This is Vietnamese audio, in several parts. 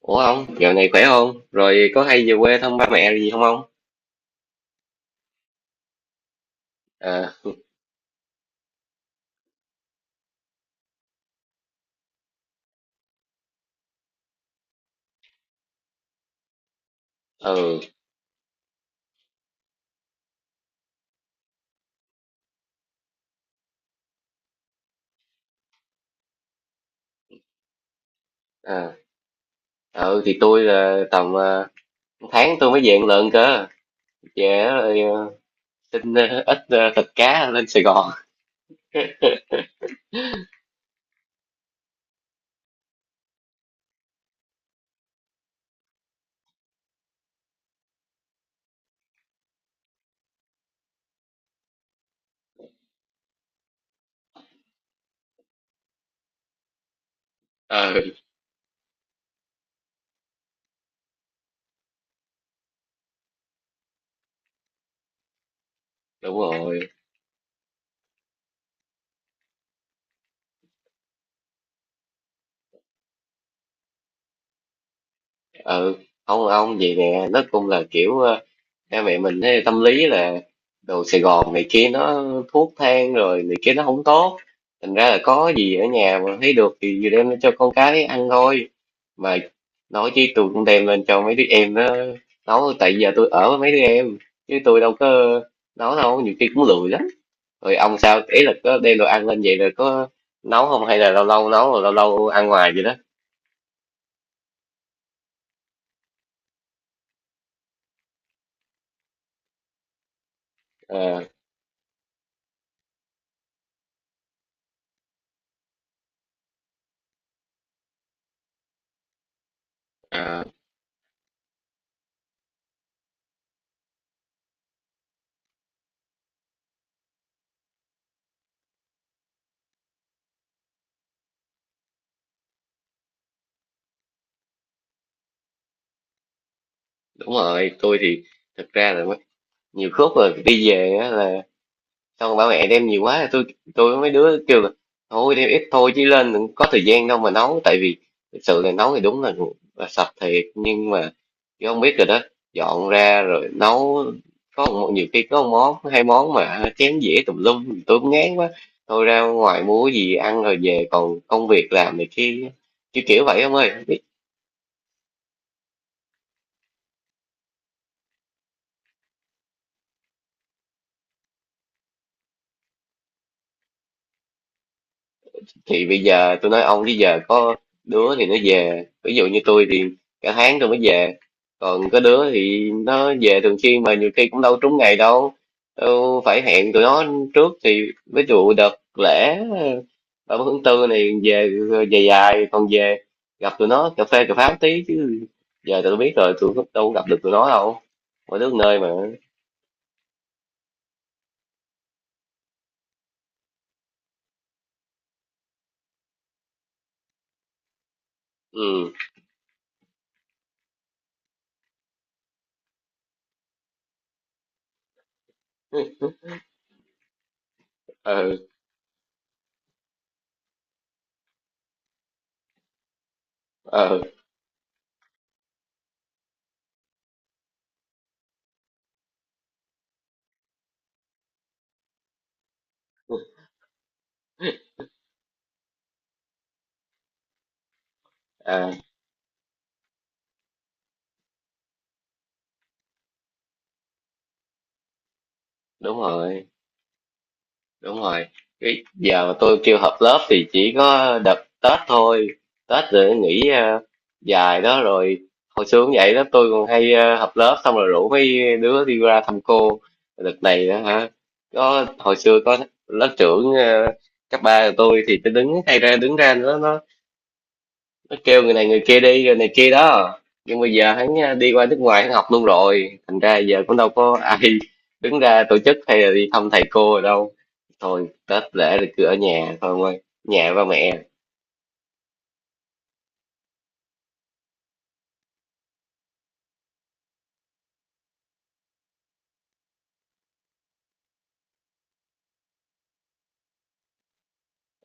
Ủa ông, dạo này khỏe không? Rồi có hay về quê thăm ba mẹ gì không ông? À, ừ, à, à, ừ thì tôi là tầm tháng tôi mới về một lần cơ. Về rồi xin ít thịt cá lên Sài Gòn. Ừ, đúng rồi. Ừ, không ông vậy nè, nó cũng là kiểu ba mẹ mình thấy tâm lý là đồ Sài Gòn này kia nó thuốc thang rồi này kia nó không tốt. Thành ra là có gì ở nhà mà thấy được thì vừa đem cho con cái ăn thôi. Mà nói chứ tôi cũng đem lên cho mấy đứa em nó nấu, tại giờ tôi ở với mấy đứa em chứ tôi đâu có nấu đâu, nhiều khi cũng lười lắm. Rồi ông sao, ý là có đem đồ ăn lên vậy rồi có nấu không, hay là lâu lâu nấu rồi lâu lâu ăn ngoài vậy đó? Ờ, à, đúng rồi. Tôi thì thực ra là nhiều khúc rồi đi về á là xong bảo mẹ đem nhiều quá, tôi với mấy đứa kêu là thôi đem ít thôi chứ lên đừng, có thời gian đâu mà nấu, tại vì thực sự là nấu thì đúng là sạch thiệt nhưng mà chứ không biết rồi đó, dọn ra rồi nấu nhiều khi có một món hai món mà chén dĩa tùm lum tôi cũng ngán quá, thôi ra ngoài mua cái gì ăn rồi về còn công việc làm này kia chứ, kiểu vậy ông ơi. Thì bây giờ tôi nói ông chứ giờ có đứa thì nó về, ví dụ như tôi thì cả tháng tôi mới về, còn có đứa thì nó về thường xuyên mà nhiều khi cũng đâu trúng ngày đâu, đâu phải hẹn tụi nó trước. Thì ví dụ đợt lễ 30/4 này về dài dài còn về gặp tụi nó cà phê cà pháo tí chứ, giờ tụi tôi biết rồi, tụi nó đâu có gặp được tụi nó đâu, mỗi đứa một nơi mà. Ừ. Ừ. Ừ. Ừ. À, đúng rồi. Đúng rồi, cái giờ mà tôi kêu họp lớp thì chỉ có đợt Tết thôi, Tết rồi nghỉ dài đó rồi. Hồi xưa cũng vậy đó, tôi còn hay họp lớp xong rồi rủ mấy đứa đi ra thăm cô. Đợt này đó hả, có, hồi xưa có lớp trưởng cấp ba của tôi, thì tôi đứng hay ra đứng ra, nó kêu người này người kia đi rồi này kia đó. Nhưng bây giờ hắn à, đi qua nước ngoài hắn học luôn rồi, thành ra giờ cũng đâu có ai đứng ra tổ chức hay là đi thăm thầy cô rồi đâu. Thôi Tết lễ thì cứ ở nhà thôi ông ơi, nhà ba mẹ.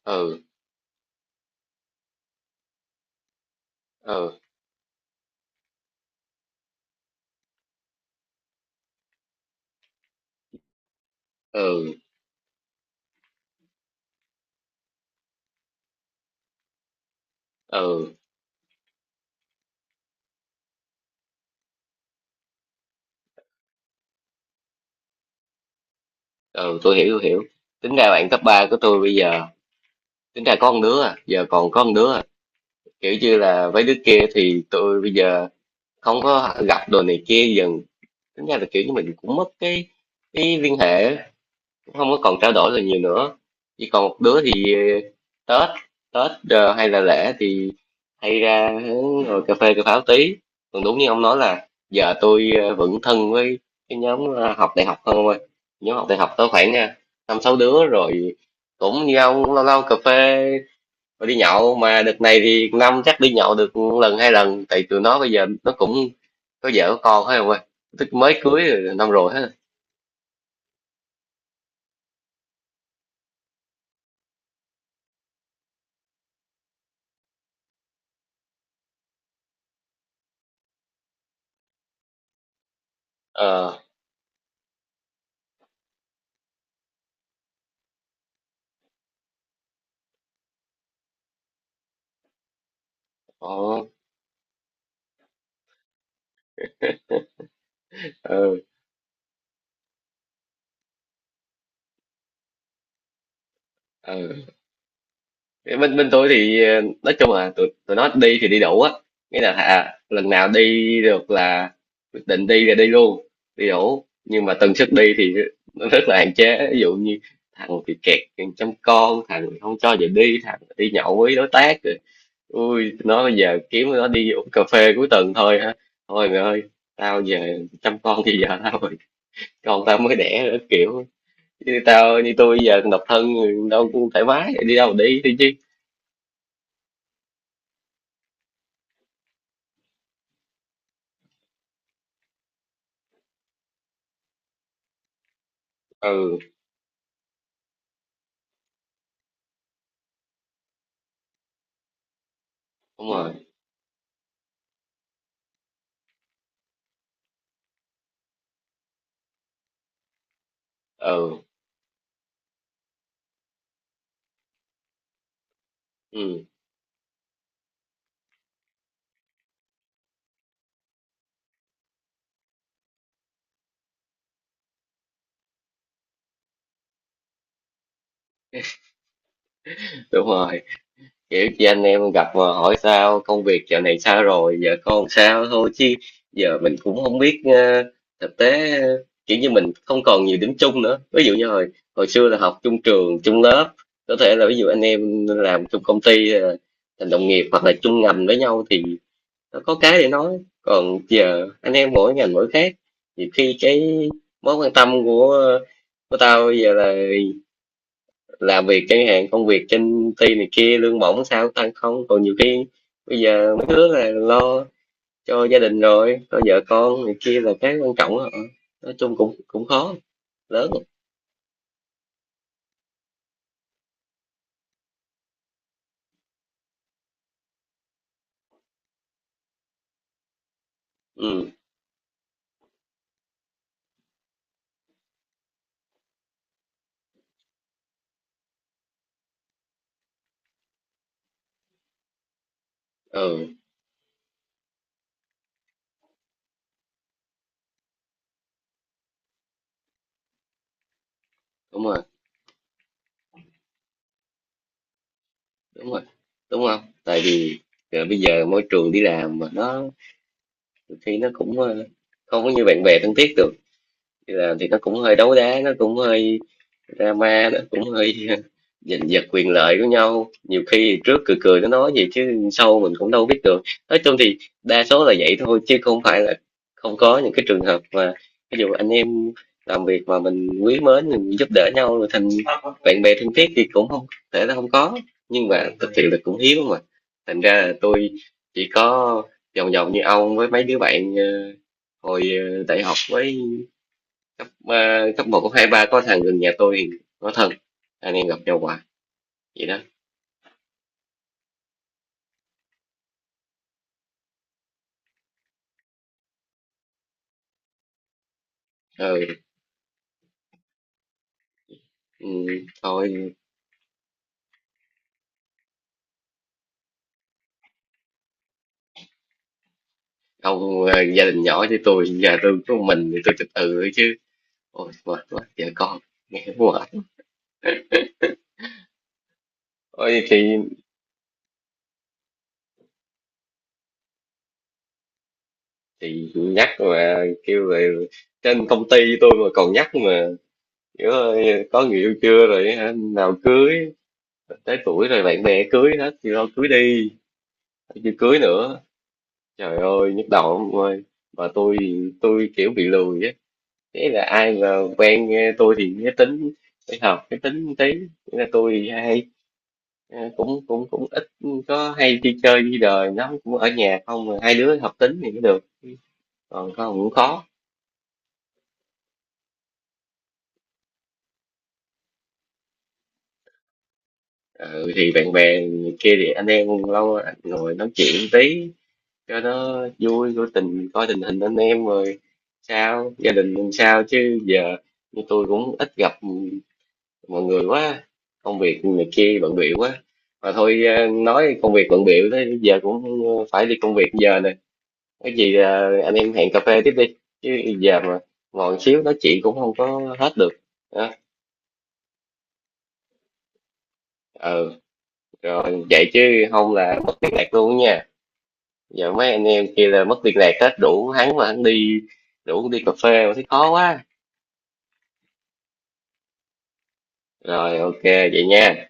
Ừ. Ừ. Ừ. Ừ. Ừ. Tôi hiểu, tôi hiểu. Tính ra bạn cấp 3 của tôi bây giờ, tính ra có con đứa à, giờ còn có con đứa à. Kiểu như là với đứa kia thì tôi bây giờ không có gặp, đồ này kia dần, tính ra là kiểu như mình cũng mất cái liên hệ á. Không có còn trao đổi là nhiều nữa, chỉ còn một đứa thì Tết, Tết hay là lễ thì hay ra hướng ngồi cà phê cà pháo tí. Còn đúng như ông nói là giờ tôi vẫn thân với cái nhóm học đại học hơn ông ơi. Nhóm học đại học tới khoảng năm sáu đứa rồi, cũng như ông cũng lâu lâu cà phê rồi đi nhậu, mà đợt này thì năm chắc đi nhậu được một lần hai lần, tại tụi nó bây giờ nó cũng có vợ có con hết ông ơi, tức mới cưới rồi, năm rồi hết. Ờ. Ờ. Ờ. Ờ. bên bên tôi thì nói chung là tụi tụi nó đi thì đi đủ á, nghĩa là lần nào đi được là quyết định đi là đi luôn, đi đủ, nhưng mà tần suất đi thì nó rất là hạn chế. Ví dụ như thằng thì kẹt chăm con, thằng thì không cho về đi, thằng đi nhậu với đối tác rồi, ui tụi nó bây giờ kiếm nó đi uống cà phê cuối tuần thôi hả, thôi mày ơi tao giờ chăm con thì giờ tao rồi, con tao mới đẻ nữa, kiểu như tao, như tôi bây giờ độc thân đâu cũng thoải mái, đi đâu mà đi đi chứ. Ừ, đúng rồi. Ừ. Ừ, đúng rồi. Kiểu chị anh em gặp mà hỏi sao công việc dạo này sao rồi, giờ con sao thôi chứ, giờ mình cũng không biết thực tế kiểu như mình không còn nhiều điểm chung nữa, ví dụ như hồi hồi xưa là học chung trường chung lớp, có thể là ví dụ anh em làm chung công ty thành đồng nghiệp hoặc là chung ngành với nhau thì nó có cái để nói, còn giờ anh em mỗi ngành mỗi khác, nhiều khi cái mối quan tâm của tao bây giờ là làm việc chẳng hạn, công việc trên ty này kia lương bổng sao tăng không, còn nhiều khi bây giờ mấy đứa là lo cho gia đình rồi lo vợ con này kia là cái quan trọng đó. Nói chung cũng cũng khó lớn. Ừ. Ừ, đúng rồi. Đúng rồi, đúng không? Tại vì bây giờ môi trường đi làm mà nó nhiều khi nó cũng không có như bạn bè thân thiết được. Đi làm thì nó cũng hơi đấu đá, nó cũng hơi drama đó, cũng hơi giành giật quyền lợi của nhau, nhiều khi trước cười cười nó nói gì chứ sau mình cũng đâu biết được. Nói chung thì đa số là vậy thôi chứ không phải là không có những cái trường hợp mà ví dụ anh em làm việc mà mình quý mến mình giúp đỡ nhau rồi thành bạn bè thân thiết thì cũng không thể là không có, nhưng mà thực sự là cũng hiếm mà. Thành ra là tôi chỉ có vòng vòng như ông với mấy đứa bạn hồi đại học với cấp ờ, cấp một cấp hai ba, có thằng gần nhà tôi có thân, anh em gặp nhau hoài vậy đó. Ừ, ừ, thôi ông gia đình nhỏ chứ tôi, nhà tôi có mình thì tôi tự thôi chứ. Ôi mệt quá vợ con, nghe mệt. Ôi chị nhắc mà kêu về, trên công ty tôi mà còn nhắc mà, kiểu ơi, có người yêu chưa rồi hả? Nào cưới, tới tuổi rồi bạn bè cưới hết thì lo cưới đi, chưa cưới nữa, trời ơi nhức đầu ông ơi. Mà tôi kiểu bị lười á, thế là ai mà quen tôi thì cái tính phải hợp cái tính một tí. Thế là tôi hay cũng cũng cũng ít có hay đi chơi đi đời lắm, cũng ở nhà không, mà hai đứa hợp tính thì mới được, còn không cũng khó. Ừ, thì bạn bè kia thì anh em lâu ngồi nói chuyện tí cho nó vui, coi tình hình anh em rồi sao gia đình làm sao chứ giờ như tôi cũng ít gặp mọi người quá, công việc này kia bận bịu quá, mà thôi nói công việc bận bịu thế giờ cũng phải đi công việc giờ nè, cái gì anh em hẹn cà phê tiếp đi chứ giờ mà ngồi xíu nói chuyện cũng không có hết được. Đó. Ừ, rồi vậy chứ không là mất liên lạc luôn nha, giờ mấy anh em kia là mất liên lạc hết, đủ hắn mà hắn đi đủ đi cà phê mà thấy khó quá. Rồi ok vậy nha.